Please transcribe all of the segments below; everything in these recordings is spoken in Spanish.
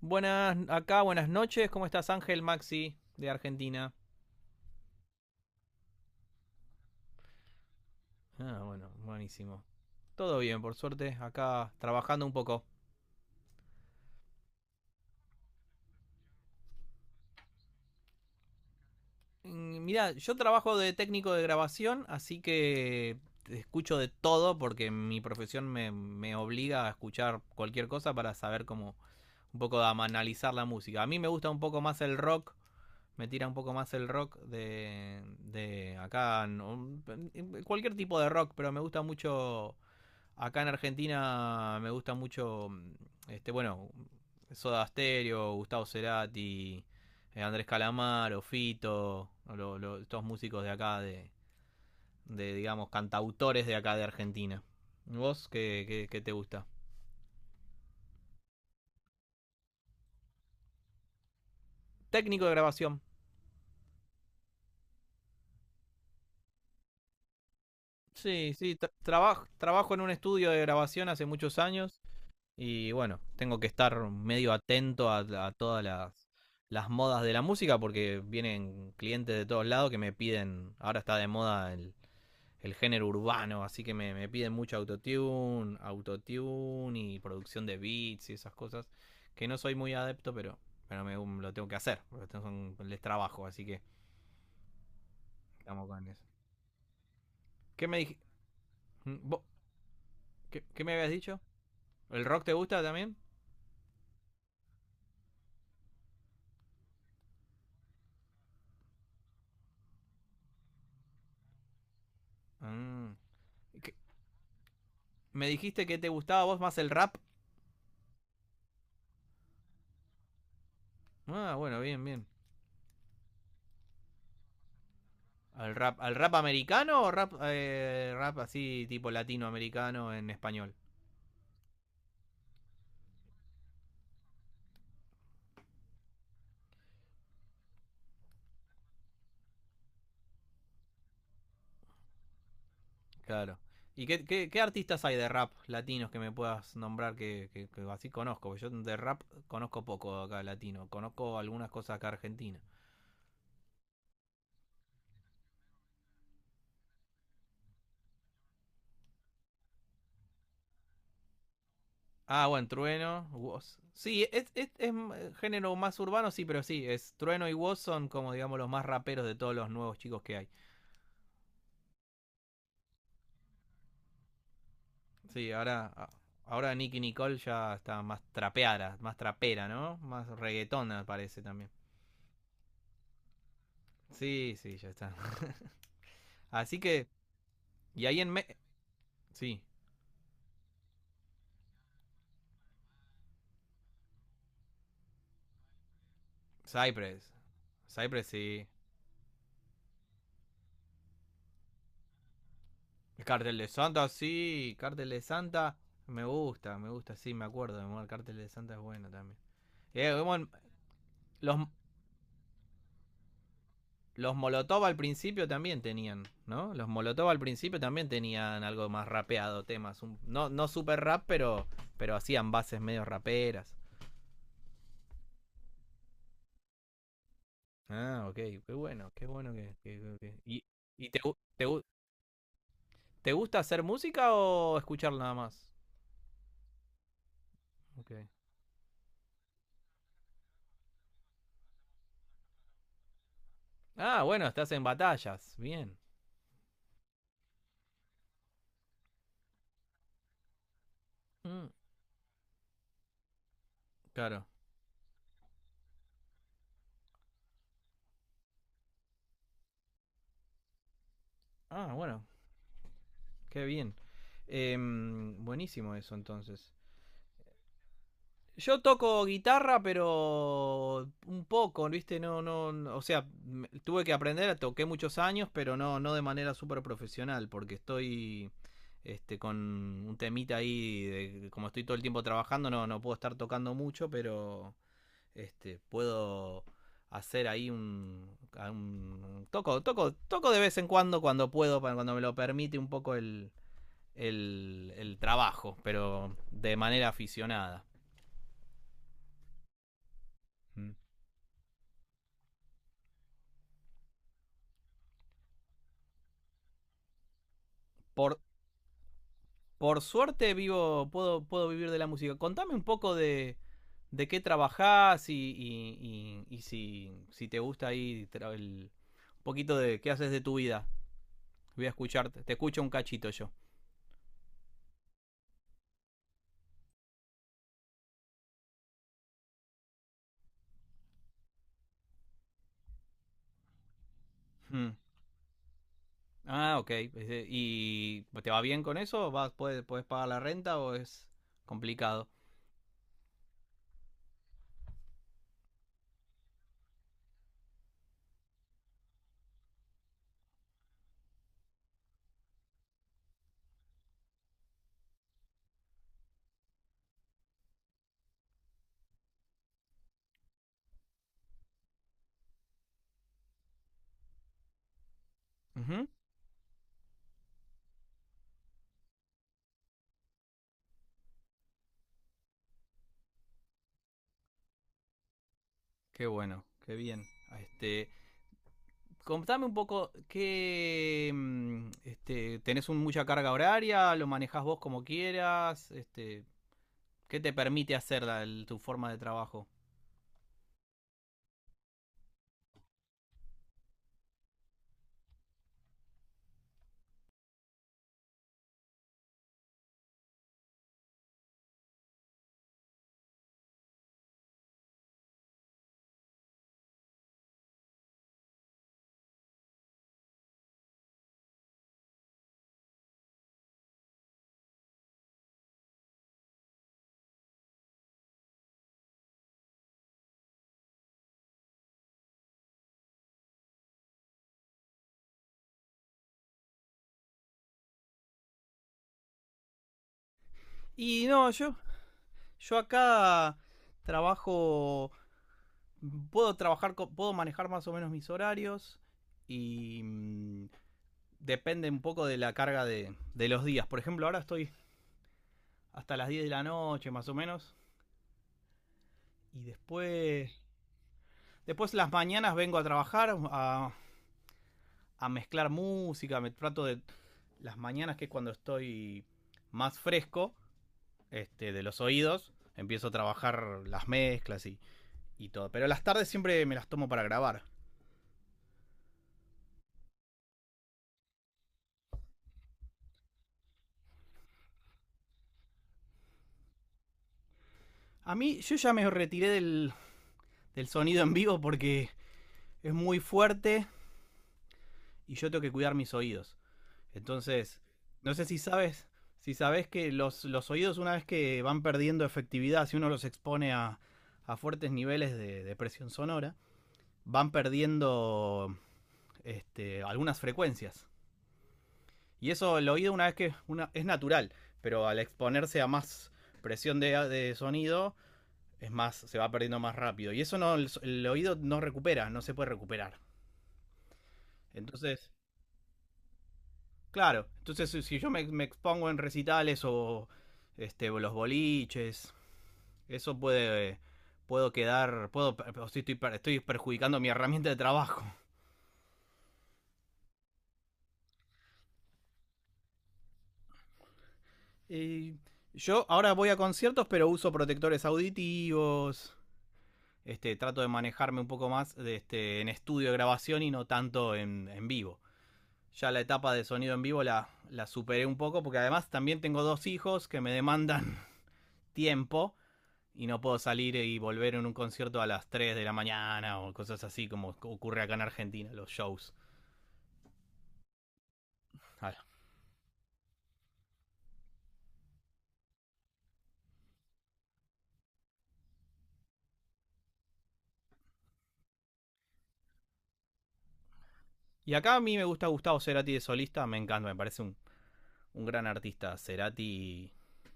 Buenas acá, buenas noches. ¿Cómo estás, Ángel Maxi de Argentina? Ah, bueno, buenísimo. Todo bien, por suerte, acá trabajando un poco. Mirá, yo trabajo de técnico de grabación, así que escucho de todo porque mi profesión me obliga a escuchar cualquier cosa para saber cómo un poco de analizar la música. A mí me gusta un poco más el rock, me tira un poco más el rock de acá, no, cualquier tipo de rock, pero me gusta mucho. Acá en Argentina me gusta mucho, bueno, Soda Stereo, Gustavo Cerati, Andrés Calamaro, Fito, estos músicos de acá, de, digamos, cantautores de acá de Argentina. ¿Vos qué, qué te gusta? Técnico de grabación. Sí, sí, trabajo en un estudio de grabación hace muchos años. Y bueno, tengo que estar medio atento a todas las modas de la música porque vienen clientes de todos lados que me piden, ahora está de moda el género urbano, así que me piden mucho autotune, autotune y producción de beats y esas cosas, que no soy muy adepto, pero lo tengo que hacer, porque les trabajo, así que estamos con eso. ¿Qué me dij- mm, ¿Vos- qué, qué me habías dicho? ¿El rock te gusta también? Mm. Me dijiste que te gustaba a vos más el rap. Ah, bueno, bien, bien. Al rap americano o rap, rap así tipo latinoamericano en español? Claro. ¿Y qué, qué, qué artistas hay de rap latinos que me puedas nombrar que, que así conozco? Porque yo de rap conozco poco acá latino. Conozco algunas cosas acá argentinas. Ah, bueno, Trueno, Woz. Sí, es género más urbano, sí, pero sí, es Trueno y Woz son como digamos los más raperos de todos los nuevos chicos que hay. Sí, ahora, ahora Nicky Nicole ya está más trapeada, más trapera, ¿no? Más reggaetona parece también. Sí, sí, ya está. Así que, y ahí en... Me sí, Cypress. Cypress sí. El cartel de Santa, sí. Cartel de Santa, me gusta, sí, me acuerdo. El cartel de Santa es bueno también. Bueno, los, Los Molotov al principio también tenían, ¿no? Los Molotov al principio también tenían algo más rapeado, temas. No, no super rap, pero hacían bases medio raperas. Ah, ok, qué bueno que... ¿Y, y te, te, te gusta hacer música o escuchar nada más? Ok. Ah, bueno, estás en batallas, bien. Mm, claro. Ah, bueno, qué bien. Buenísimo eso entonces. Yo toco guitarra, pero un poco, ¿viste? No, no, o sea, tuve que aprender, toqué muchos años, pero no, no de manera súper profesional, porque estoy con un temita ahí, como estoy todo el tiempo trabajando, no, no puedo estar tocando mucho, pero puedo hacer ahí un, toco, toco, toco de vez en cuando, cuando puedo, cuando me lo permite un poco el trabajo, pero de manera aficionada. Mm. Por, Por suerte vivo, puedo, puedo vivir de la música. Contame un poco de qué trabajás y, y si, si te gusta ahí el- un poquito de qué haces de tu vida. Voy a escucharte, te escucho un cachito yo. Hmm. Ah, ok. ¿Y te va bien con eso? ¿Vas, puedes, puedes pagar la renta o es complicado? Ujú. Qué bueno, qué bien. Este, Contame un poco qué este, mucha carga horaria, lo manejás vos como quieras, este, qué te permite hacer tu forma de trabajo. Y no, yo acá trabajo, puedo trabajar, puedo manejar más o menos mis horarios y depende un poco de la carga de los días. Por ejemplo, ahora estoy hasta las 10 de la noche más o menos y después, después las mañanas vengo a trabajar a mezclar música, me trato de las mañanas que es cuando estoy más fresco de los oídos, empiezo a trabajar las mezclas y todo. Pero las tardes siempre me las tomo para grabar. A mí yo ya me retiré del, del sonido en vivo porque es muy fuerte y yo tengo que cuidar mis oídos. Entonces, no sé si sabes, si sabes que los oídos una vez que van perdiendo efectividad, si uno los expone a fuertes niveles de presión sonora, van perdiendo algunas frecuencias. Y eso el oído una vez que una, es natural, pero al exponerse a más presión de sonido, es más, se va perdiendo más rápido. Y eso no, el, oído no recupera, no se puede recuperar. Entonces, claro, entonces si si yo me, me expongo en recitales o los boliches, eso puede, puedo quedar, puedo, estoy, estoy perjudicando mi herramienta de trabajo. Eh, yo ahora voy a conciertos, pero uso protectores auditivos. Este, trato de manejarme un poco más de este, en estudio de grabación y no tanto en vivo. Ya la etapa de sonido en vivo la, la superé un poco porque además también tengo dos hijos que me demandan tiempo y no puedo salir y volver en un concierto a las 3 de la mañana o cosas así como ocurre acá en Argentina, los shows. Y acá a mí me gusta Gustavo Cerati de solista, me encanta, me parece un gran artista, Cerati,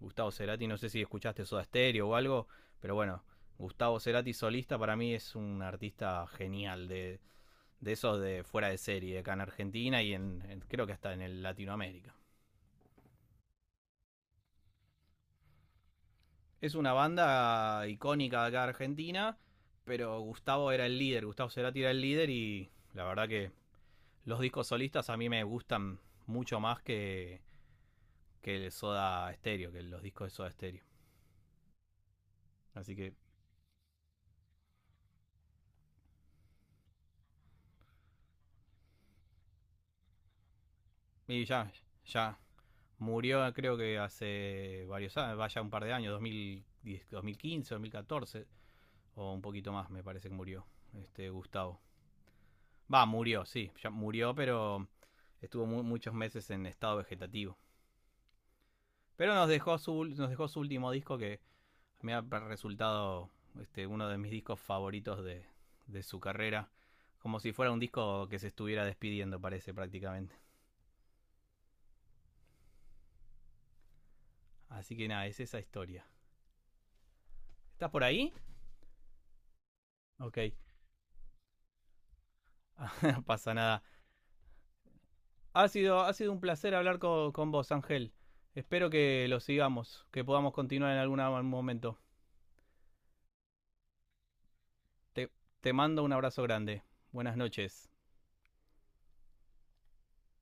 Gustavo Cerati, no sé si escuchaste Soda Stereo o algo, pero bueno, Gustavo Cerati solista para mí es un artista genial, de esos de fuera de serie, acá en Argentina y en, creo que hasta en el Latinoamérica. Es una banda icónica de acá de Argentina, pero Gustavo era el líder, Gustavo Cerati era el líder y la verdad que los discos solistas a mí me gustan mucho más que el Soda Stereo, que los discos de Soda Stereo. Así que, y ya, ya, Murió ah, creo que hace varios años, vaya un par de años, 2010, 2015, 2014 o un poquito más me parece que murió este Gustavo. Va, murió, sí, ya murió, pero estuvo muchos meses en estado vegetativo. Pero nos dejó su último disco que me ha resultado uno de mis discos favoritos de su carrera. Como si fuera un disco que se estuviera despidiendo, parece prácticamente. Así que nada, es esa historia. ¿Estás por ahí? Ok, no pasa nada. Ha sido un placer hablar con vos, Ángel. Espero que lo sigamos, que podamos continuar en algún momento. Te, te mando un abrazo grande. Buenas noches.